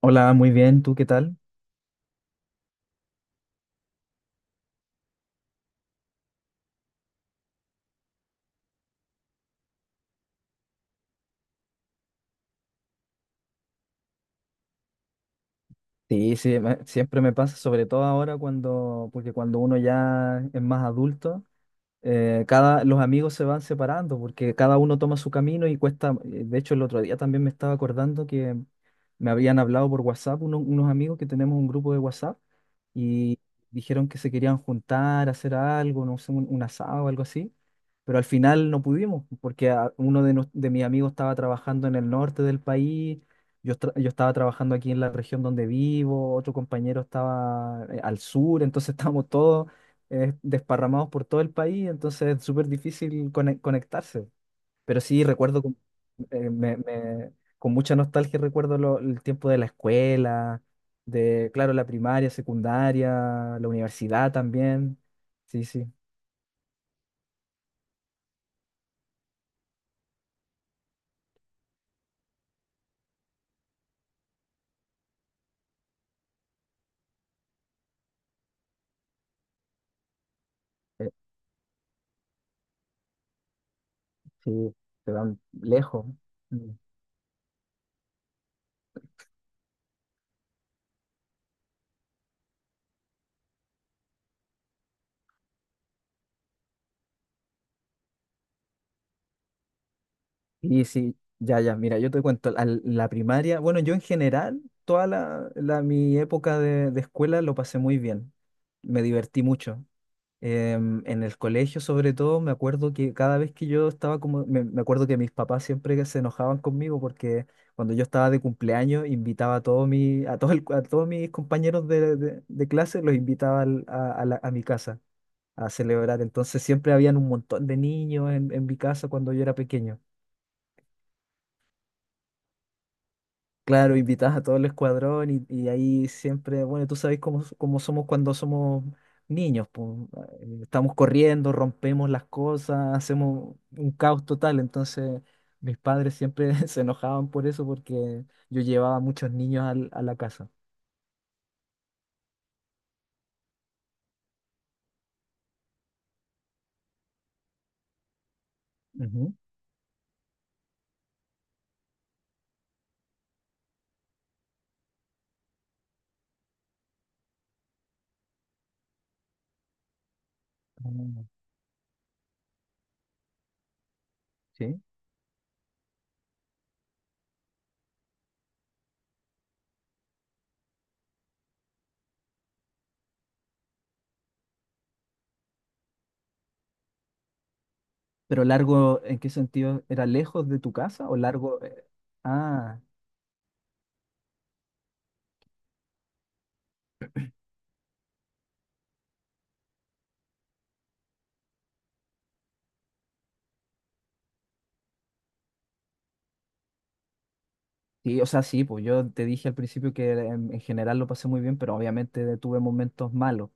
Hola, muy bien, ¿tú qué tal? Sí, sí, siempre me pasa, sobre todo ahora cuando, porque cuando uno ya es más adulto, los amigos se van separando porque cada uno toma su camino y cuesta. De hecho el otro día también me estaba acordando que me habían hablado por WhatsApp unos amigos que tenemos un grupo de WhatsApp y dijeron que se querían juntar, hacer algo, no sé, un asado o algo así, pero al final no pudimos porque de mis amigos estaba trabajando en el norte del país. Yo estaba trabajando aquí en la región donde vivo, otro compañero estaba al sur, entonces estábamos todos desparramados por todo el país, entonces es súper difícil conectarse. Pero sí recuerdo eh, me- me- con mucha nostalgia recuerdo el tiempo de la escuela, de, claro, la primaria, secundaria, la universidad también. Sí, sí, eh, sí, se van lejos. Mm. Y sí, ya, ya, mira, yo te cuento, la primaria, bueno, yo en general, toda mi época de escuela lo pasé muy bien, me divertí mucho. En el colegio, sobre todo, me acuerdo que cada vez que yo estaba me acuerdo que mis papás siempre que se enojaban conmigo porque cuando yo estaba de cumpleaños invitaba a todos mi a todo el- a todos mis compañeros de clase, los invitaba a mi casa a celebrar. Entonces siempre habían un montón de niños en mi casa cuando yo era pequeño. Claro, invitas a todo el escuadrón, y ahí siempre, bueno, tú sabes cómo, cómo somos cuando somos niños, po. Estamos corriendo, rompemos las cosas, hacemos un caos total. Entonces, mis padres siempre se enojaban por eso porque yo llevaba muchos niños a la casa. Ujú. Ah. Sí. Pero largo, ¿en qué sentido? ¿Era lejos de tu casa o largo? ¿Eh? Ah, sí, o sea, sí, pues yo te dije al principio que en general lo pasé muy bien, pero obviamente tuve momentos malos.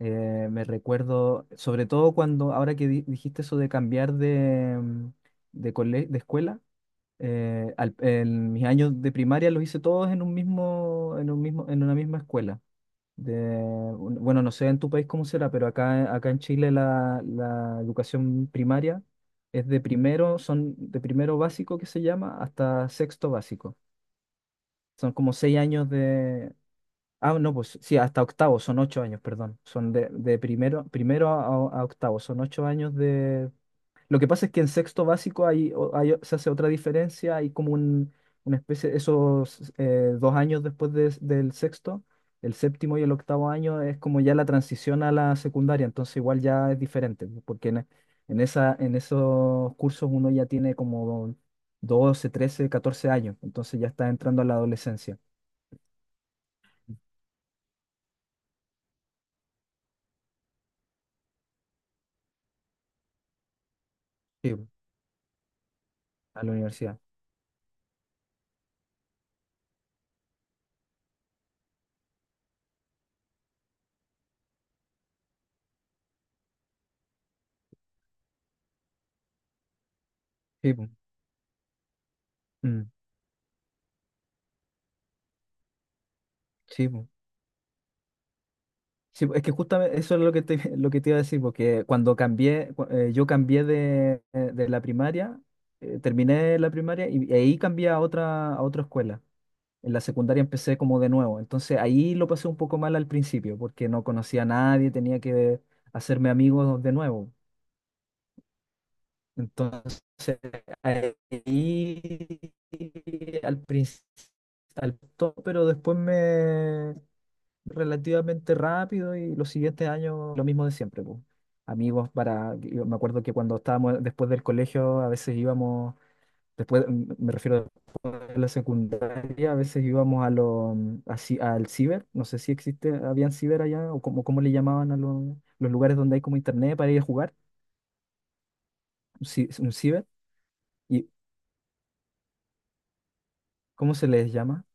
Me recuerdo, sobre todo cuando, ahora que dijiste eso de cambiar de, mm, de, cole- de escuela, en mis años de primaria los hice todos en un mismo, en un mismo, en una misma escuela. De, bueno, no sé en tu país cómo será, pero acá en Chile la educación primaria es de primero, son de primero básico que se llama, hasta sexto básico. Son como 6 años. Ah, no, pues sí, hasta octavo, son ocho años, perdón. Son de primero, a octavo, son ocho años de... Lo que pasa es que en sexto básico hay, se hace otra diferencia, hay como una especie. Esos dos años después del sexto, el séptimo y el octavo año es como ya la transición a la secundaria, entonces igual ya es diferente, pues, porque en esos cursos uno ya tiene como 12, 13, 14 años, entonces ya está entrando a la adolescencia, sí, a la universidad. Sí, pues. Mm, sí, po. Sí, po, es que justamente eso es lo que te, lo que te iba a decir, porque cuando yo cambié de la primaria, terminé la primaria y ahí cambié a otra escuela. En la secundaria empecé como de nuevo, entonces ahí lo pasé un poco mal al principio, porque no conocía a nadie, tenía que hacerme amigos de nuevo. Entonces, ahí al principio, pero después me relativamente rápido y los siguientes años lo mismo de siempre, pues. Amigos para, yo me acuerdo que cuando estábamos después del colegio, a veces íbamos, después, me refiero después de la secundaria, a veces íbamos así, al ciber. No sé si existe, habían ciber allá, o como, cómo le llamaban a los lugares donde hay como internet para ir a jugar, un ciber. ¿Y cómo se les llama?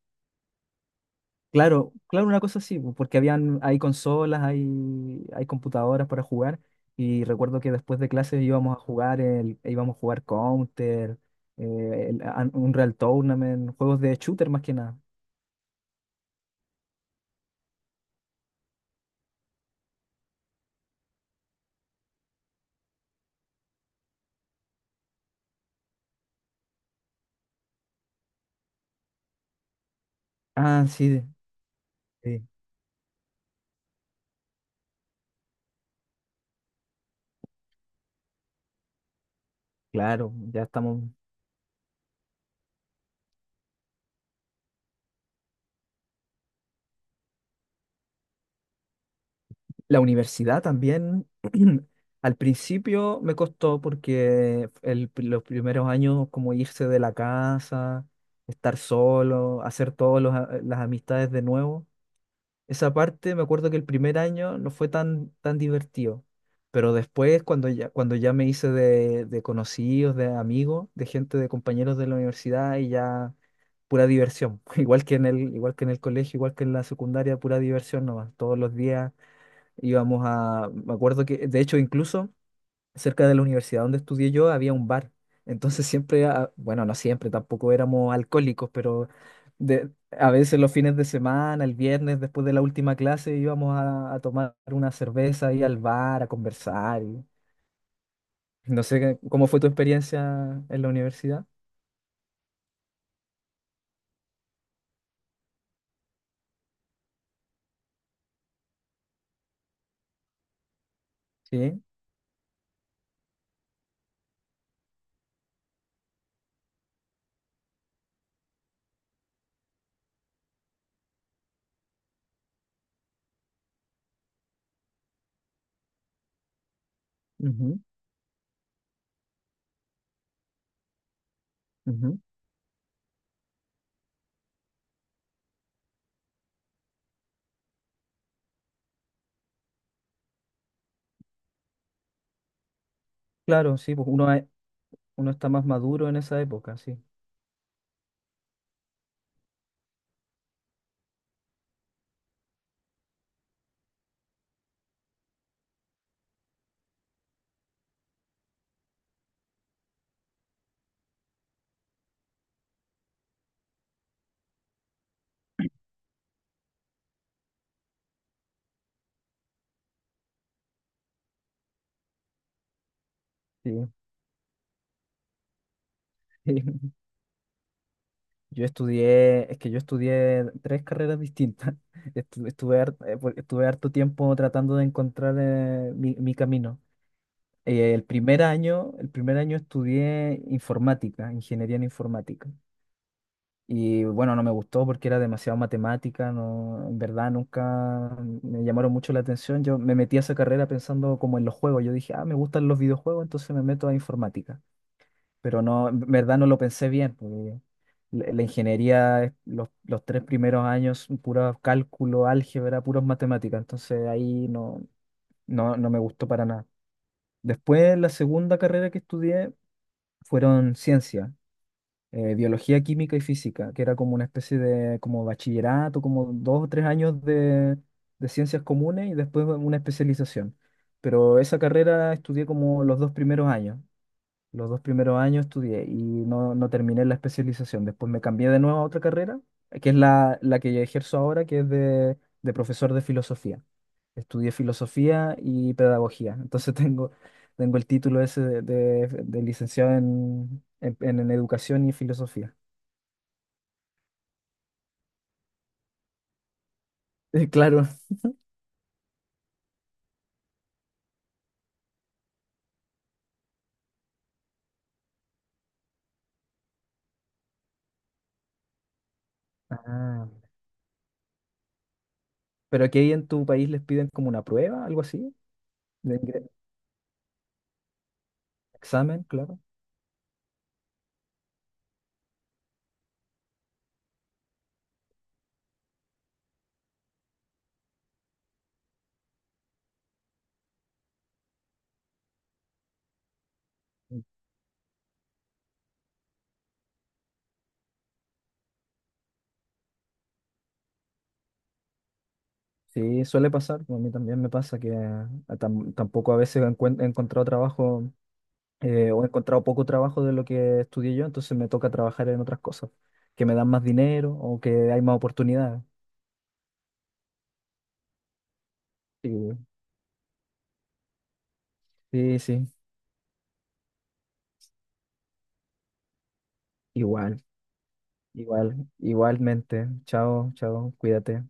Claro, claro, una cosa así, po, porque habían, hay consolas, hay computadoras para jugar, y recuerdo que después de clases íbamos a jugar e íbamos a jugar Counter, Unreal Tournament, juegos de shooter más que nada. Ah, sí, sí, claro, ya estamos. La universidad también. Al principio me costó porque los primeros años como irse de la casa, estar solo, hacer todas las amistades de nuevo. Esa parte, me acuerdo que el primer año no fue tan divertido, pero después cuando ya me hice de conocidos, de amigos, de gente, de compañeros de la universidad y ya pura diversión, igual que en el, igual que en el colegio, igual que en la secundaria, pura diversión nomás. Todos los días íbamos a, me acuerdo que, de hecho incluso cerca de la universidad donde estudié yo había un bar. Entonces siempre, ah, bueno, no siempre, tampoco éramos alcohólicos, pero de, a veces los fines de semana, el viernes, después de la última clase, íbamos a tomar una cerveza, ir al bar, a conversar. No sé cómo fue tu experiencia en la universidad. Sí. Ujú, ujú. Claro, sí, pues uno está más maduro en esa época, sí. Sí. Yo estudié, es que yo estudié tres carreras distintas. Estuve harto tiempo tratando de encontrar, mi camino. El primer año, estudié informática, ingeniería en informática. Y bueno, no me gustó porque era demasiado matemática, no, en verdad nunca me llamaron mucho la atención. Yo me metí a esa carrera pensando como en los juegos. Yo dije, ah, me gustan los videojuegos, entonces me meto a informática, pero no, en verdad no lo pensé bien, porque la ingeniería, es los 3 primeros años, puro cálculo, álgebra, puros matemáticas, entonces ahí no me gustó para nada. Después, la segunda carrera que estudié fueron ciencia, biología, química y física, que era como una especie de como bachillerato, como 2 o 3 años de ciencias comunes y después una especialización. Pero esa carrera estudié como los 2 primeros años. Los dos primeros años estudié y no, no terminé la especialización. Después me cambié de nuevo a otra carrera, que es la, la que ejerzo ahora, que es de profesor de filosofía. Estudié filosofía y pedagogía. Entonces tengo el título ese de licenciado en educación y filosofía. Claro. Ah. Pero aquí ahí en tu país les piden como una prueba, algo así, de examen, claro. Sí, suele pasar, a mí también me pasa que tampoco a veces he encontrado trabajo, o he encontrado poco trabajo de lo que estudié yo, entonces me toca trabajar en otras cosas que me dan más dinero o que hay más oportunidades. Sí, sí, sí, igual, igual, igualmente. Chao, chao, cuídate.